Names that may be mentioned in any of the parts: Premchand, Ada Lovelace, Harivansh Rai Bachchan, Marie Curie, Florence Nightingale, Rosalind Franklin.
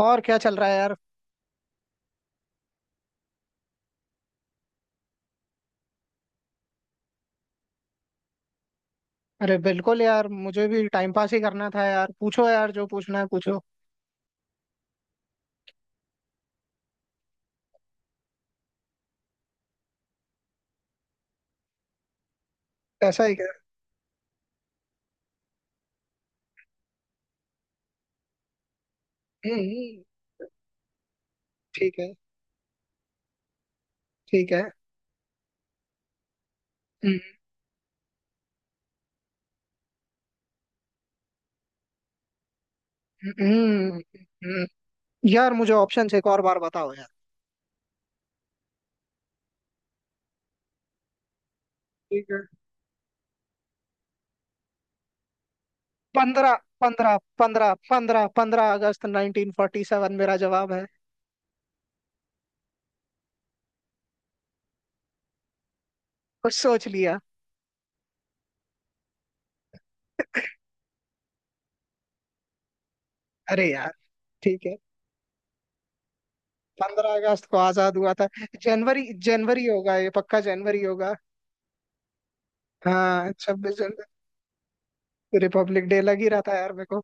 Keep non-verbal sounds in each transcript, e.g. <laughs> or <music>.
और क्या चल रहा है यार। अरे बिल्कुल यार, मुझे भी टाइम पास ही करना था यार। पूछो यार, जो पूछना है पूछो। ऐसा ही क्या। हम्म। ठीक है। ठीक है। हम्म। हम्म। हम्म। हम्म। यार मुझे ऑप्शन एक और बार बताओ यार। ठीक है। पंद्रह पंद्रह पंद्रह पंद्रह पंद्रह अगस्त 1947 मेरा जवाब है। कुछ सोच लिया। अरे यार। ठीक है। पंद्रह अगस्त को आजाद हुआ था। जनवरी। जनवरी होगा, ये पक्का जनवरी होगा। हाँ छब्बीस जनवरी। रिपब्लिक डे लग ही रहा था यार मेरे को।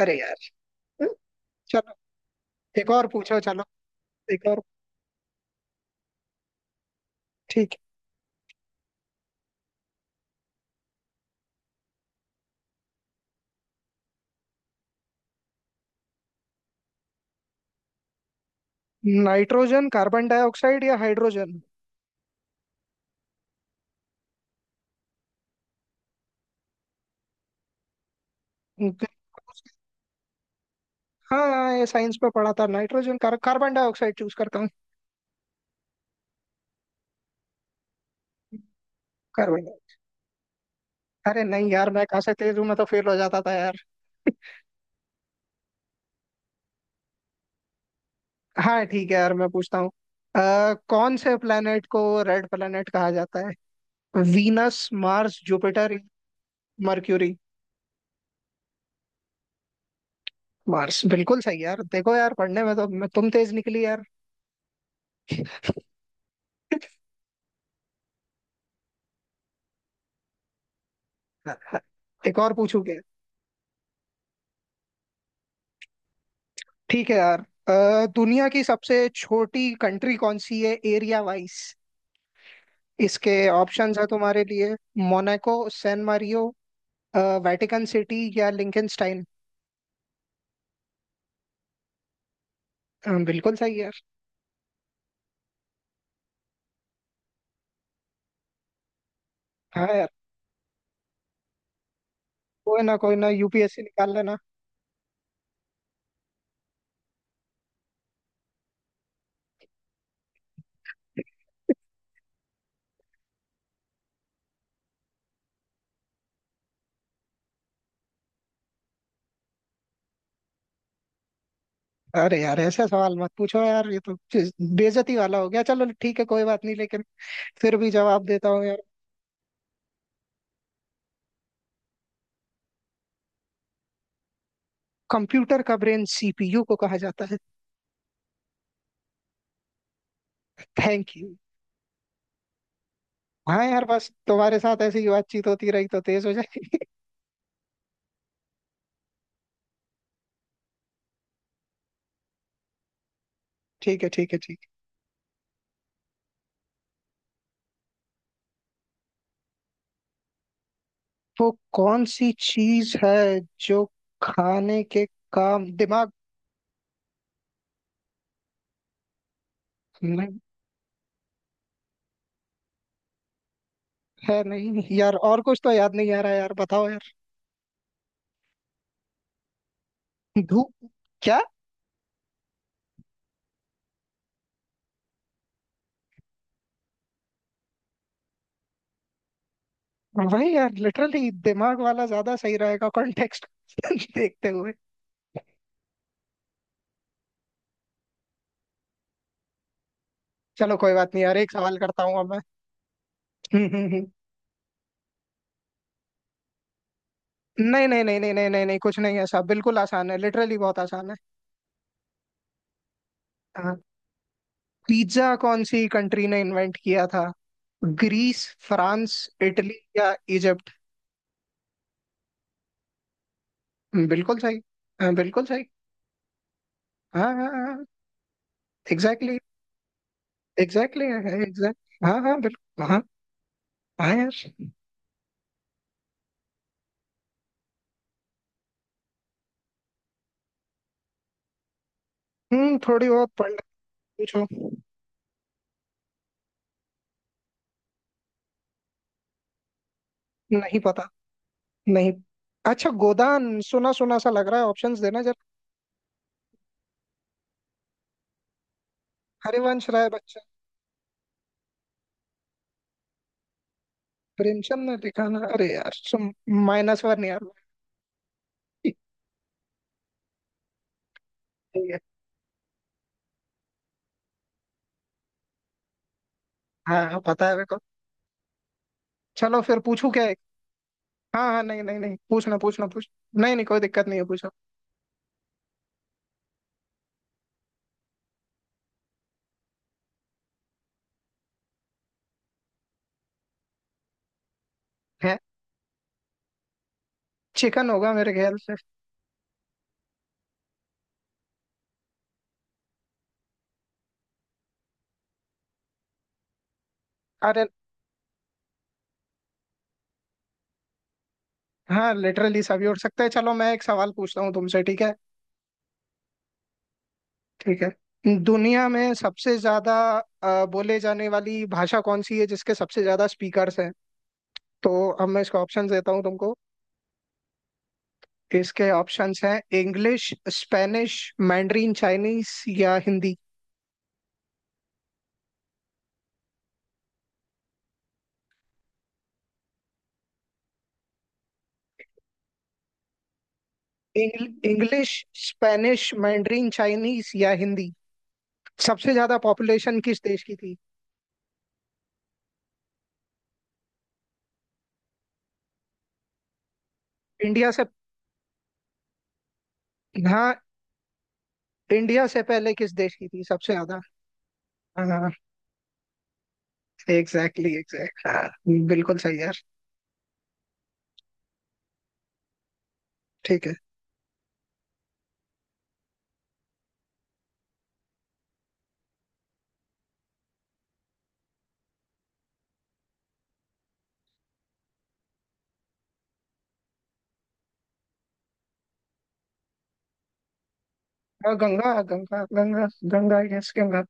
अरे यार। चलो। एक और पूछो चलो। एक और। ठीक है। नाइट्रोजन कार्बन डाइऑक्साइड या हाइड्रोजन। हाँ ये साइंस में पढ़ा था। नाइट्रोजन कार्बन डाइऑक्साइड चूज करता हूँ। कार्बन डाइ- अरे नहीं यार, मैं कहाँ से तेज हूँ, मैं तो फेल हो जाता था यार। हाँ ठीक है यार, मैं पूछता हूँ। कौन से प्लेनेट को रेड प्लेनेट कहा जाता है। Venus, Mars, Jupiter, Mercury. Mars बिल्कुल सही यार। देखो यार पढ़ने में तो मैं तुम तेज निकली यार। <laughs> एक और पूछूं। ठीक है यार। दुनिया की सबसे छोटी कंट्री कौन सी है एरिया वाइज। इसके ऑप्शंस है तुम्हारे लिए। Monaco, San Mario, Vatican City या लिंकनस्टाइन। बिल्कुल सही यार। हाँ यार। कोई ना, कोई ना, यूपीएससी निकाल लेना। अरे यार ऐसा सवाल मत पूछो यार, ये तो बेइज्जती वाला हो गया। चलो ठीक है कोई बात नहीं, लेकिन फिर भी जवाब देता हूँ यार। कंप्यूटर का ब्रेन सीपीयू को कहा जाता है। Thank you. हाँ यार, बस तुम्हारे साथ ऐसी ही बातचीत होती रही तो तेज हो जाए। ठीक है, ठीक है, ठीक है। वो कौन सी चीज है जो खाने के काम, दिमाग। नहीं। है नहीं यार, और कुछ तो याद नहीं आ रहा यार, बताओ यार। धूप। क्या। वही यार, लिटरली दिमाग वाला ज्यादा सही रहेगा, कॉन्टेक्स्ट <laughs> देखते हुए। चलो कोई बात नहीं यार, एक सवाल करता हूँ अब मैं। <laughs> हम्म, हम्म, नहीं नहीं नहीं नहीं नहीं नहीं नहीं, कुछ नहीं ऐसा, बिल्कुल आसान है, लिटरली बहुत आसान है। हाँ। पिज्जा कौन सी कंट्री ने इन्वेंट किया था। ग्रीस, फ्रांस, इटली या इजिप्ट। बिल्कुल सही। हाँ, बिल्कुल सही। हाँ हाँ हाँ। एग्जैक्टली। एग्जैक्टली है एग्जैक्ट। हाँ हाँ बिल्कुल हाँ। हाँ यार। हम्म, थोड़ी बहुत पढ़ ले। पूछो। नहीं पता। नहीं। अच्छा गोदान सुना सुना सा लग रहा है, ऑप्शंस देना जरा। हरिवंश राय बच्चन। प्रेमचंद ने लिखा ना। अरे यार सुन। माइनस वन यार। ठीक है। हाँ हाँ, पता है मेरे को। चलो फिर पूछू क्या एक। हाँ हाँ, नहीं नहीं नहीं, पूछना पूछना पूछ। नहीं नहीं, कोई दिक्कत नहीं है, पूछो। है। चिकन होगा मेरे ख्याल से। अरे। हाँ लिटरली सभी उड़ सकते हैं, चलो मैं एक सवाल पूछता हूँ तुमसे, ठीक है। ठीक है, दुनिया में सबसे ज्यादा बोले जाने वाली भाषा कौन सी है जिसके सबसे ज्यादा स्पीकर्स हैं। तो अब मैं इसको ऑप्शन देता हूँ तुमको। इसके ऑप्शंस हैं इंग्लिश, स्पेनिश, मैंड्रीन चाइनीस या Hindi. English, Spanish, Mandarin Chinese या हिंदी। सबसे ज्यादा पॉपुलेशन किस देश की थी। इंडिया से। हाँ इंडिया से पहले किस देश की थी सबसे ज्यादा। हाँ। एग्जैक्टली एग्जैक्ट हाँ। बिल्कुल सही यार। ठीक है। हाँ गंगा गंगा गंगा। गंगा यस गंगा।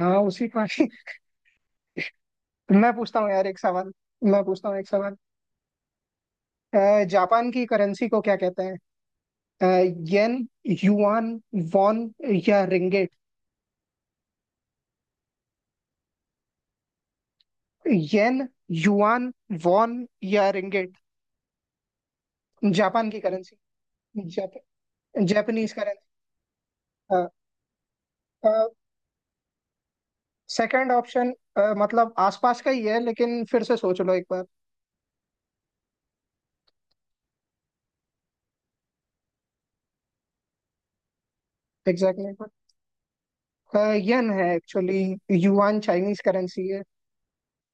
हाँ उसी पानी। मैं पूछता हूँ यार एक सवाल। मैं पूछता हूँ एक सवाल। जापान की करेंसी को क्या कहते हैं। अ, येन, युआन, वॉन या रिंगेट। येन, युआन, वॉन या रिंगेट। जापान की करेंसी। जाप, जापानीज करेंसी। हाँ सेकंड ऑप्शन। मतलब आसपास का ही है, लेकिन फिर से सोच लो एक बार। एग्जैक्टली। अ, यन है एक्चुअली। युआन चाइनीज करेंसी है।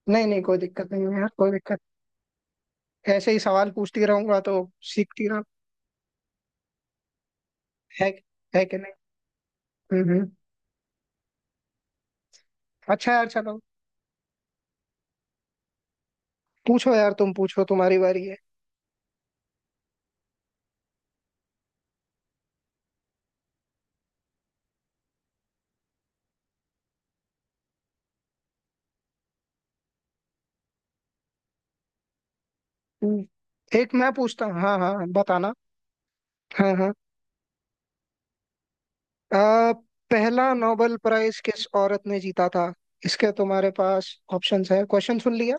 नहीं नहीं कोई दिक्कत नहीं है यार, कोई दिक्कत ऐसे ही सवाल पूछती रहूंगा तो सीखती रह। है। है कि नहीं। हम्म, अच्छा यार चलो। पूछो यार, तुम पूछो, तुम्हारी बारी है। हम्म। एक मैं पूछता हूँ, हाँ हाँ बताना। हाँ हाँ। अ, पहला नोबेल प्राइज किस औरत ने जीता था। इसके तुम्हारे पास ऑप्शंस है, क्वेश्चन सुन लिया।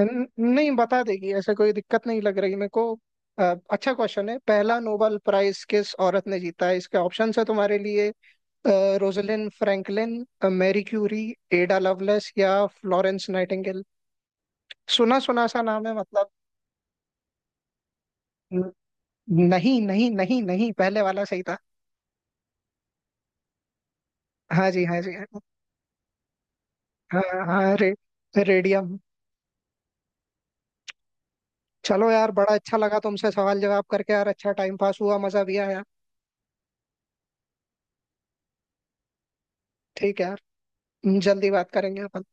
नहीं बता देगी ऐसा कोई दिक्कत नहीं लग रही मेरे को। अ, अच्छा क्वेश्चन है, पहला नोबेल प्राइज किस औरत ने जीता है। इसके ऑप्शंस है तुम्हारे लिए। Rosalind Franklin, Marie Curie, Ada Lovelace या फ्लोरेंस नाइटिंगेल। सुना सुना सा नाम है मतलब। न- नहीं नहीं नहीं नहीं, पहले वाला सही था। हाँ जी हाँ जी हाँ। हाँ हाँ, रेडियम। चलो यार बड़ा अच्छा लगा तुमसे सवाल जवाब करके यार, अच्छा टाइम पास हुआ, मजा भी आया। ठीक है। यार जल्दी बात करेंगे अपन।